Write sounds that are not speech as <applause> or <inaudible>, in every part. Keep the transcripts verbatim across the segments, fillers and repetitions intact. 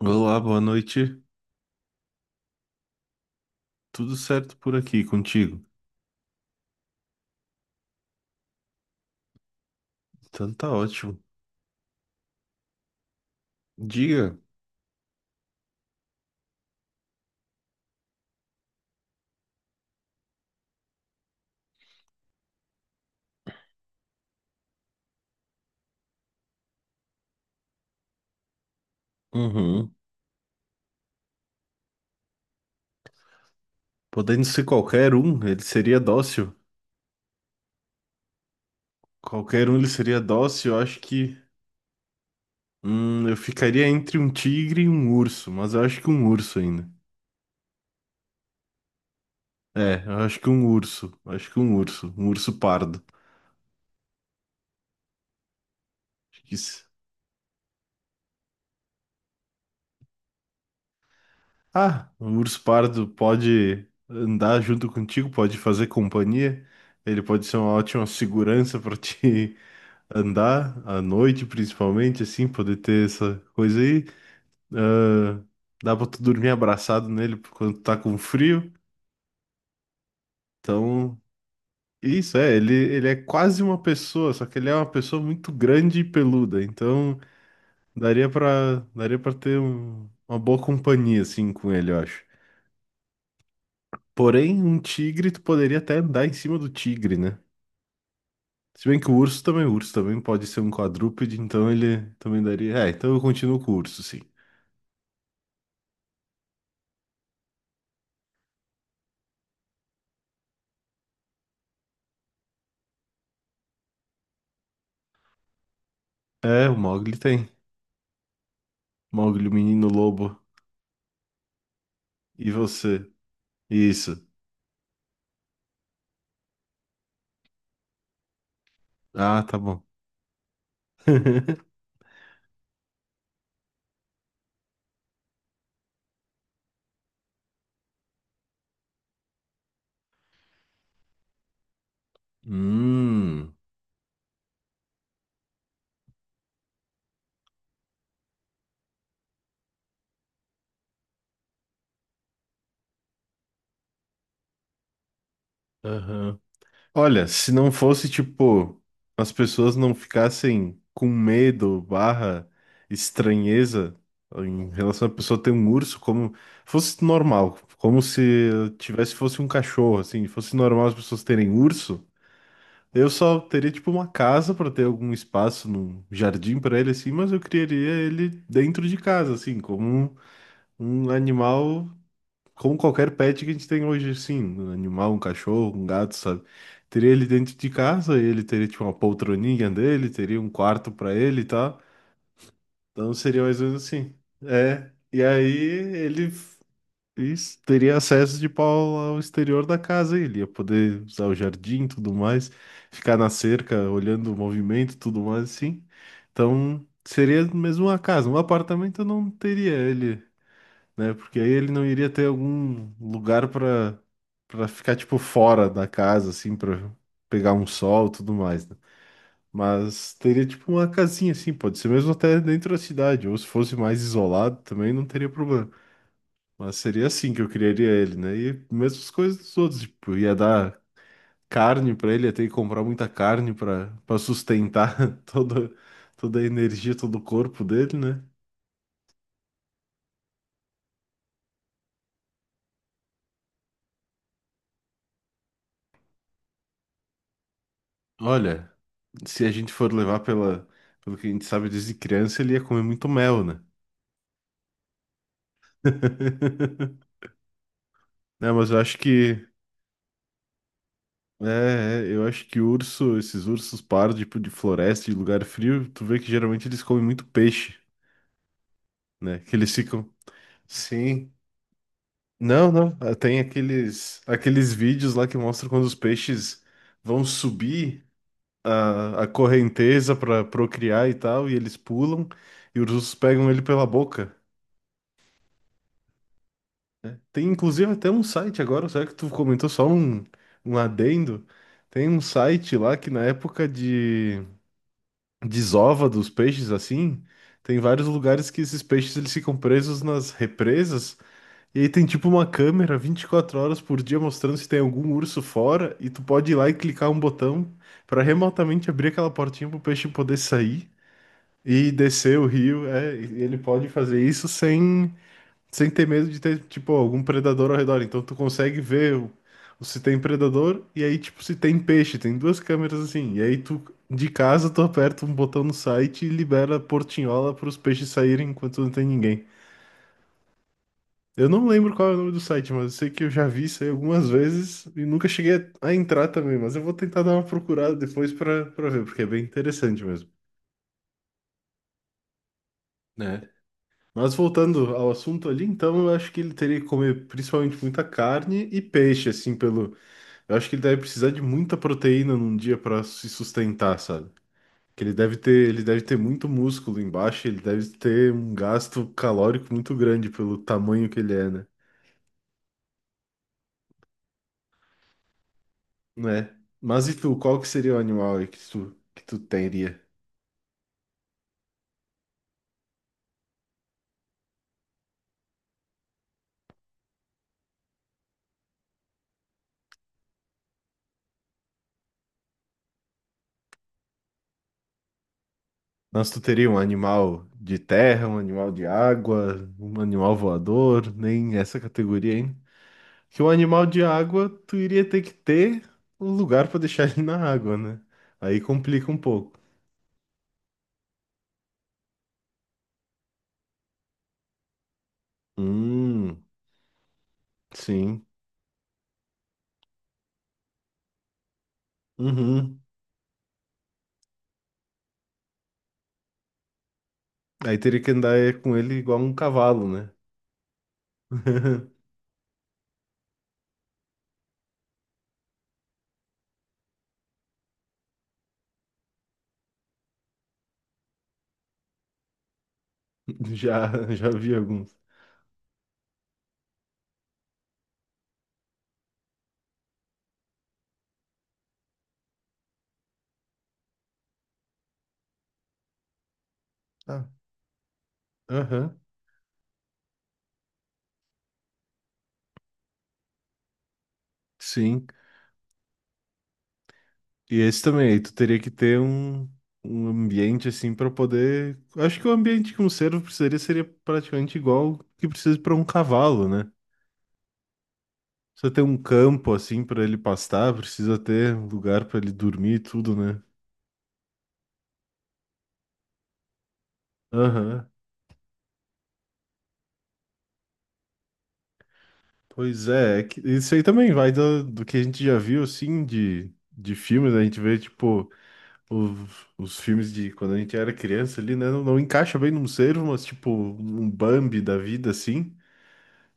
Olá, boa noite. Tudo certo por aqui contigo? Então tá ótimo. Diga. Uhum. Podendo ser qualquer um, ele seria dócil. Qualquer um ele seria dócil. Eu acho que hum, eu ficaria entre um tigre e um urso, mas eu acho que um urso ainda. É, eu acho que um urso. Eu acho que um urso. Um urso pardo. Acho que isso. Ah, um urso pardo pode andar junto contigo, pode fazer companhia. Ele pode ser uma ótima segurança para ti. Andar à noite, principalmente, assim, poder ter essa coisa aí. Ah, dá pra tu dormir abraçado nele quando tá com frio. Então, isso é, ele, ele é quase uma pessoa, só que ele é uma pessoa muito grande e peluda. Então, daria pra, daria pra ter um- uma boa companhia, assim, com ele, eu acho. Porém, um tigre, tu poderia até andar em cima do tigre, né? Se bem que o urso também, o urso também pode ser um quadrúpede, então ele também daria. É, então eu continuo com o urso, sim. É, o Mogli tem. Mogli, o menino lobo. E você? Isso. Ah, tá bom. <laughs> Hum. Aham. Olha, se não fosse, tipo, as pessoas não ficassem com medo, barra, estranheza em relação à pessoa ter um urso, como fosse normal, como se tivesse fosse um cachorro, assim, fosse normal as pessoas terem urso, eu só teria, tipo, uma casa para ter algum espaço num jardim para ele, assim, mas eu criaria ele dentro de casa, assim, como um. Um animal, como qualquer pet que a gente tem hoje, sim. Um animal, um cachorro, um gato, sabe? Teria ele dentro de casa, ele teria tipo uma poltroninha dele, teria um quarto pra ele e tal. Então seria mais ou menos assim. É. E aí ele f- is- teria acesso de pau ao exterior da casa, ele ia poder usar o jardim, tudo mais, ficar na cerca, olhando o movimento, tudo mais assim. Então seria mesmo uma casa, um apartamento eu não teria ele, né? Porque aí ele não iria ter algum lugar para para ficar tipo fora da casa assim, para pegar um sol, e tudo mais, né? Mas teria tipo uma casinha assim, pode ser mesmo até dentro da cidade, ou se fosse mais isolado também não teria problema. Mas seria assim que eu criaria ele, né? E mesmas coisas dos outros, tipo, ia dar carne para ele, ia ter que comprar muita carne para para sustentar <laughs> toda toda a energia, todo o corpo dele, né? Olha, se a gente for levar pela, pelo que a gente sabe desde criança, ele ia comer muito mel, né? <laughs> Não, mas eu acho que. É, é, eu acho que urso, esses ursos pardos, tipo, de floresta, de lugar frio, tu vê que geralmente eles comem muito peixe, né? Que eles ficam. Sim. Não, não. ah, Tem aqueles, aqueles vídeos lá que mostram quando os peixes vão subir a, a correnteza para procriar e tal, e eles pulam, e os ursos pegam ele pela boca, né? Tem inclusive até um site agora, será que tu comentou só um, um adendo? Tem um site lá que na época de desova dos peixes assim, tem vários lugares que esses peixes eles ficam presos nas represas e aí tem tipo uma câmera vinte e quatro horas por dia mostrando se tem algum urso fora e tu pode ir lá e clicar um botão para remotamente abrir aquela portinha pro peixe poder sair. E descer o rio, é, e ele pode fazer isso sem sem ter medo de ter, tipo, algum predador ao redor. Então tu consegue ver o- o se tem predador e aí, tipo, se tem peixe. Tem duas câmeras assim. E aí tu, de casa, tu aperta um botão no site e libera a portinhola para os peixes saírem enquanto não tem ninguém. Eu não lembro qual é o nome do site, mas eu sei que eu já vi isso aí algumas vezes e nunca cheguei a a entrar também. Mas eu vou tentar dar uma procurada depois para para ver, porque é bem interessante mesmo, né? Mas voltando ao assunto ali, então eu acho que ele teria que comer principalmente muita carne e peixe, assim, pelo. Eu acho que ele deve precisar de muita proteína num dia para se sustentar, sabe? Que ele deve ter, ele deve ter muito músculo embaixo, ele deve ter um gasto calórico muito grande pelo tamanho que ele é, né? Não é? Mas e tu, qual que seria o animal aí que tu, que tu teria? Mas tu teria um animal de terra, um animal de água, um animal voador, nem essa categoria, hein? Que o animal de água, tu iria ter que ter um lugar para deixar ele na água, né? Aí complica um pouco. Hum. Sim. Uhum. Aí teria que andar é, com ele igual um cavalo, né? <laughs> Já, já vi alguns. Ah, aham. Sim. E esse também, aí tu teria que ter um, um ambiente assim para poder. Acho que o ambiente que um cervo precisaria seria praticamente igual o que precisa para um cavalo, né? Precisa ter um campo assim para ele pastar, precisa ter um lugar para ele dormir e tudo, né? Aham. Pois é, é que isso aí também vai do, do que a gente já viu, assim, de, de filmes, né? A gente vê, tipo, os, os filmes de quando a gente era criança ali, né? Não, não encaixa bem num cervo, mas, tipo, um Bambi da vida, assim.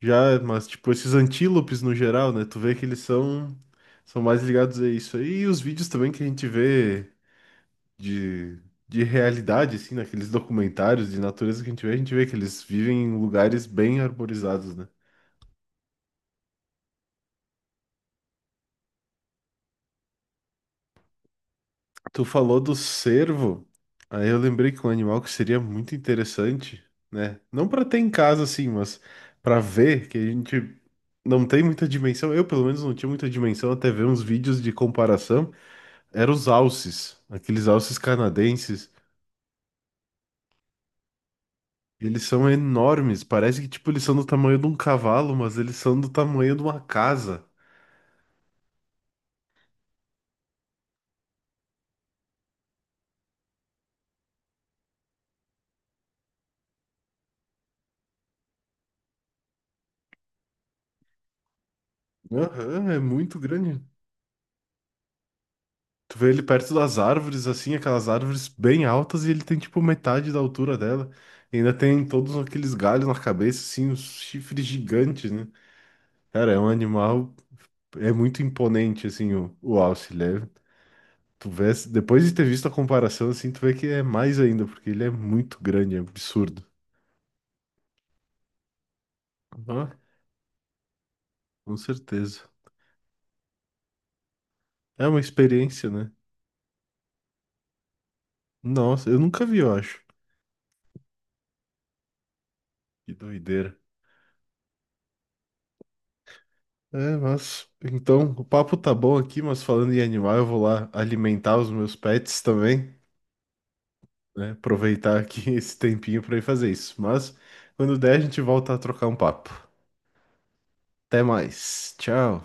Já, mas, tipo, esses antílopes no geral, né? Tu vê que eles são, são mais ligados a isso aí. E os vídeos também que a gente vê de, de realidade, assim, naqueles documentários de natureza que a gente vê, a gente vê que eles vivem em lugares bem arborizados, né? Tu falou do cervo, aí eu lembrei que um animal que seria muito interessante, né? Não pra ter em casa assim, mas pra ver que a gente não tem muita dimensão. Eu, pelo menos, não tinha muita dimensão até ver uns vídeos de comparação. Eram os alces, aqueles alces canadenses. Eles são enormes, parece que tipo eles são do tamanho de um cavalo, mas eles são do tamanho de uma casa. Aham, é muito grande. Tu vê ele perto das árvores, assim, aquelas árvores bem altas, e ele tem tipo metade da altura dela. E ainda tem todos aqueles galhos na cabeça, assim, os chifres gigantes, né? Cara, é um animal, é muito imponente, assim, o, o alce. Ele é- tu vê, depois de ter visto a comparação, assim, tu vê que é mais ainda, porque ele é muito grande, é absurdo. Ah, com certeza. É uma experiência, né? Nossa, eu nunca vi, eu acho. Que doideira. É, mas então o papo tá bom aqui, mas falando em animal, eu vou lá alimentar os meus pets também, né? Aproveitar aqui <laughs> esse tempinho pra ir fazer isso. Mas quando der, a gente volta a trocar um papo. Até mais. Tchau.